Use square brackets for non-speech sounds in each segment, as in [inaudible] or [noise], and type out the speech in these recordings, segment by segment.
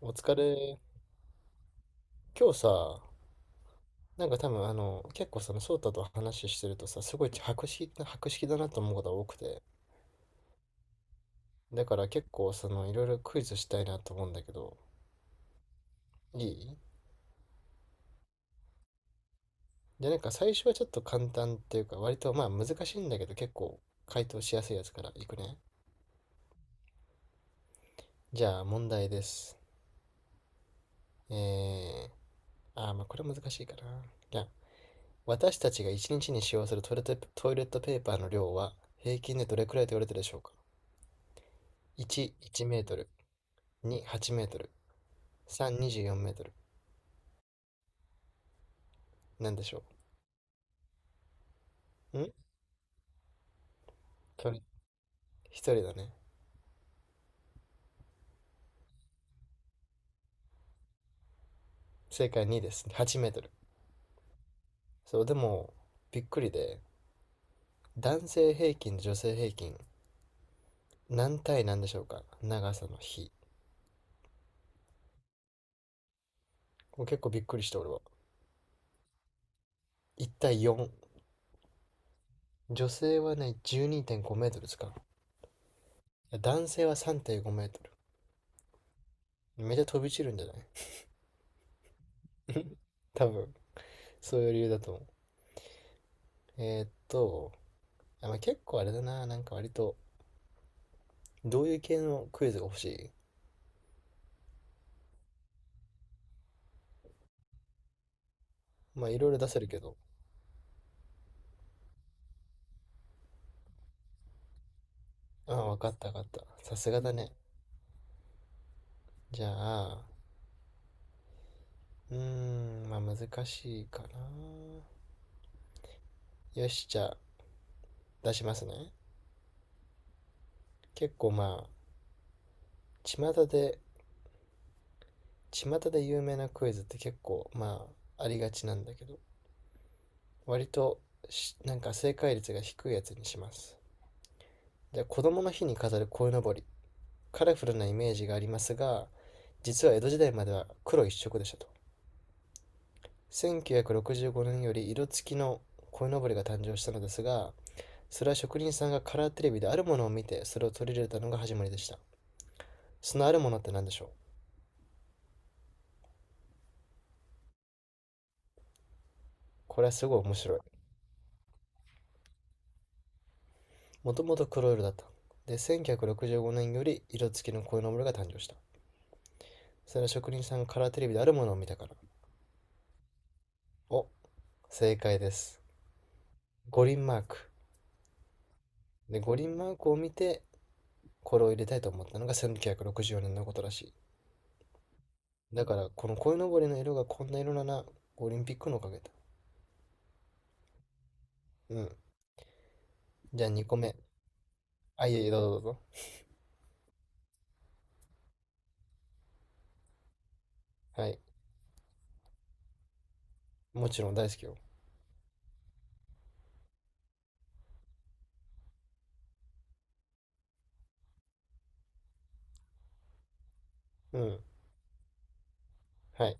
お疲れ。今日さ、なんか多分あの、結構その翔太と話してるとさ、すごい博識だなと思うことが多くて。だから結構その、いろいろクイズしたいなと思うんだけど、いいじゃなんか最初はちょっと簡単っていうか、割とまあ難しいんだけど、結構回答しやすいやつからいくね。じゃあ問題です。えー、まあこれ難しいかな。じゃあ、私たちが一日にちに使用するトイレットペーパーの量は、平均でどれくらいと言われてるでしょうか？ 1、1メートル。2、8メートル。3、24メートル。なんでしょうん、鳥。一人だね。正解2です。8メートル。そう、でも、びっくりで、男性平均、女性平均、何対何でしょうか、長さの比。これ結構びっくりして、俺は。1対4。女性はね、12.5メートルですか。いや男性は3.5メートル。めっちゃ飛び散るんじゃない？ [laughs] 多分、そういう理由だと思う。えーっと、あ、まあ、結構あれだな。なんか割と、どういう系のクイズが欲しい？まあ、いろいろ出せるけど、ああ、わかったわかった。さすがだね。じゃあ、うーん、まあ難しいかな。よし、じゃあ出しますね。結構まあ、巷で、巷で有名なクイズって結構まあ、ありがちなんだけど、割となんか正解率が低いやつにします。じゃあ、子供の日に飾る鯉のぼり。カラフルなイメージがありますが、実は江戸時代までは黒一色でしたと。1965年より色付きの鯉のぼりが誕生したのですが、それは職人さんがカラーテレビであるものを見て、それを取り入れたのが始まりでした。そのあるものって何でしょう？これはすごい面白い。もともと黒色だった。で、1965年より色付きのこういうのものが誕生した。それは職人さんがカラーテレビであるものを見たから。お、正解です。五輪マーク。で、五輪マークを見て、これを入れたいと思ったのが1964年のことらしい。だから、この鯉のぼりの色がこんな色なら、オリンピックのおかげだ。うん。じゃあ2個目。あ、いえいえ、どうぞどうぞ。はい。もちろん大好きよ。うん。はい。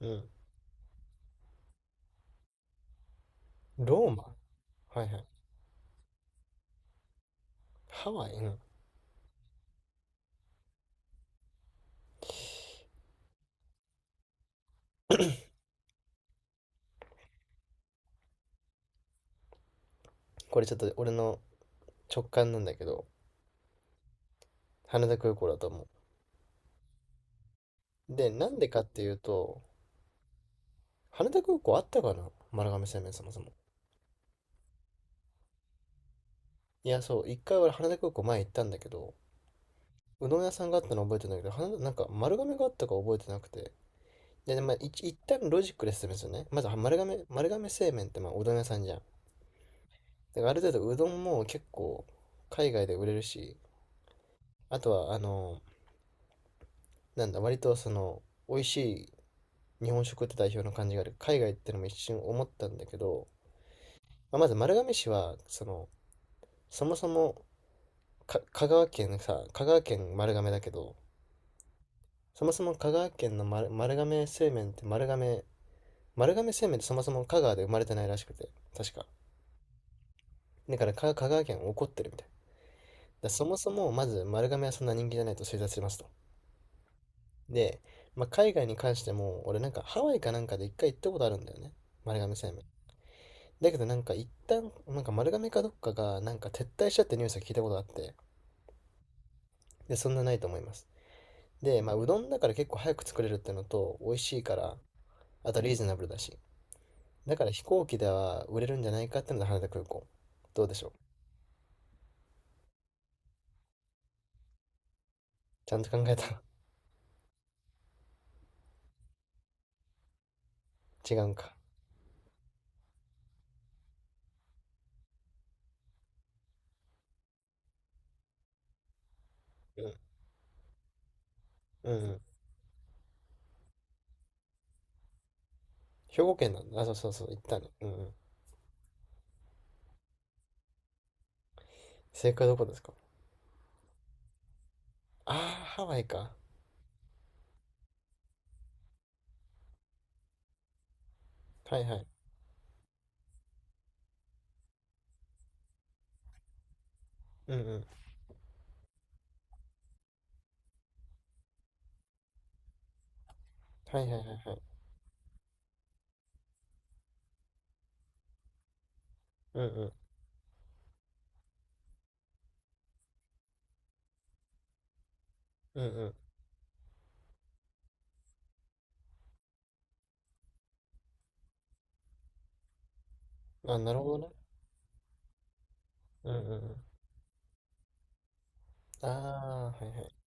うん。ローマ、はいはい。ハワイ、うん。これちょっと俺の直感なんだけど、羽田空港だと思う。で、なんでかっていうと、羽田空港あったかな、丸亀製麺そもそも。いや、そう、一回俺羽田空港前行ったんだけど、うどん屋さんがあったの覚えてるんだけど、羽田、なんか丸亀があったか覚えてなくて。で、まあ、一旦ロジックで説明するね。まずは丸亀製麺ってまあうどん屋さんじゃん。だからある程度うどんも結構海外で売れるし、あとはあの、なんだ、割とその、美味しい日本食って代表の感じがある。海外ってのも一瞬思ったんだけど、まあ、まず丸亀市は、その、そもそも香川県さ、香川県丸亀だけど、そもそも香川県の丸亀製麺ってそもそも香川で生まれてないらしくて、確か。だから香川県怒ってるみたい。だそもそもまず丸亀はそんな人気じゃないと推察しますと。で、まあ、海外に関しても、俺なんかハワイかなんかで一回行ったことあるんだよね。丸亀製麺。だけどなんか一旦、なんか丸亀かどっかが、なんか撤退しちゃってニュースを聞いたことがあって、で、そんなないと思います。で、まあ、うどんだから結構早く作れるってのと、美味しいから、あとリーズナブルだし。だから飛行機では売れるんじゃないかってので羽田空港。どうでしょう？ちゃんと考えた。 [laughs] 違うんか。うん。うんうん。兵庫県なんだ。あ、そうそうそう。行ったね。うんうん。正解はどこですか？ああー、ハワイか。はいはい。うんうん。はいはいはいはい。うんうん。うんうん。あ、なるほどね。うんうんうん。ああ、はいはい。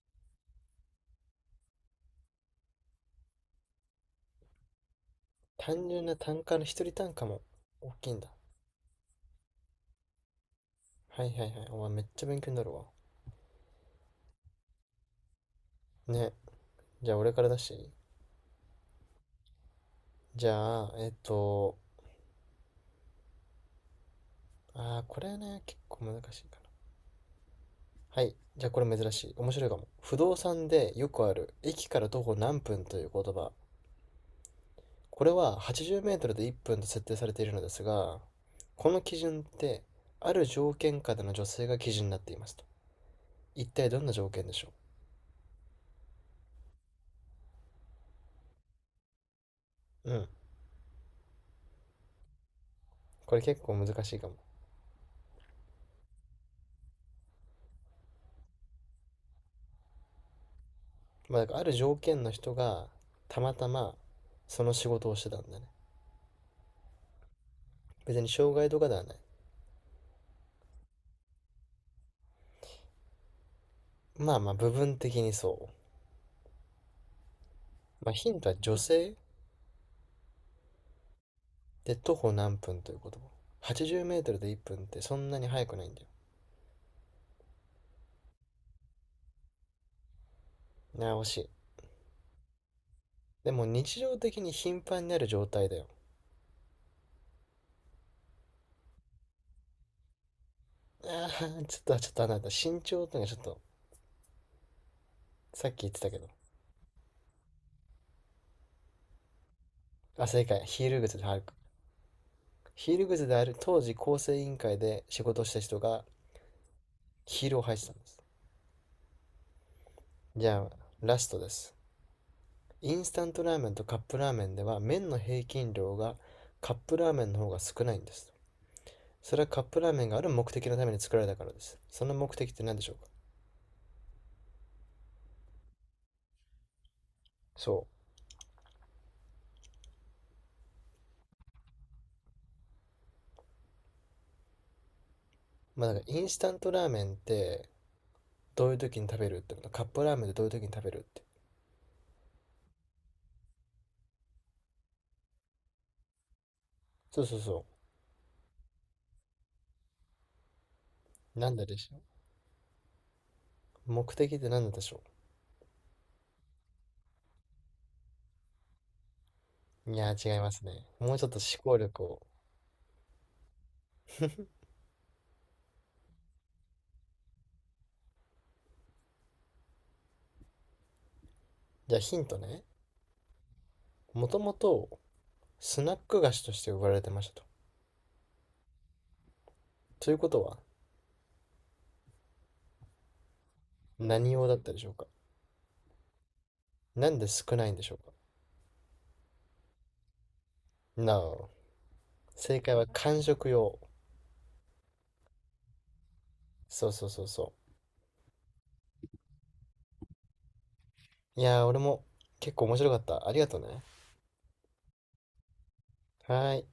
単純な単価の、一人単価も大きいんだ。はいはいはい。お前めっちゃ勉強になるわ。ね。じゃあ俺から出していい？じゃあ、あーこれね、結構難しいかな。はい。じゃあこれ珍しい。面白いかも。不動産でよくある、駅から徒歩何分という言葉。これは80メートルで1分と設定されているのですが、この基準って、ある条件下での女性が基準になっていますと。一体どんな条件でしょう？うん。これ結構難しいかも。まあ、だからある条件の人がたまたまその仕事をしてたんだね。別に障害とかではない。まあまあ部分的にそう。まあヒントは女性で徒歩何分ということ。80メートルで1分ってそんなに速くないんだよ。なあ、惜しい。でも日常的に頻繁になる状態だよ。ああ、ちょっとあなた、身長ってのがちょっと、さっき言ってたけど。あ、正解。ヒール靴で歩く。ヒール靴である当時構成委員会で仕事をした人がヒールを履いてたんです。じゃあ、ラストです。インスタントラーメンとカップラーメンでは麺の平均量がカップラーメンの方が少ないんです。それはカップラーメンがある目的のために作られたからです。その目的って何でしょうか？そう。まあだからインスタントラーメンってどういう時に食べるってこと、カップラーメンってどういう時に食べるって。そうそうそう。なんででしょう？目的って何なんでしょう？いやー違いますね。もうちょっと思考力を。じゃあヒントね。もともとスナック菓子として売られてましたと。ということは何用だったでしょうか？なんで少ないんでしょうか？ No。 正解は間食用。そうそうそうそう。いやー、俺も結構面白かった。ありがとね。はーい。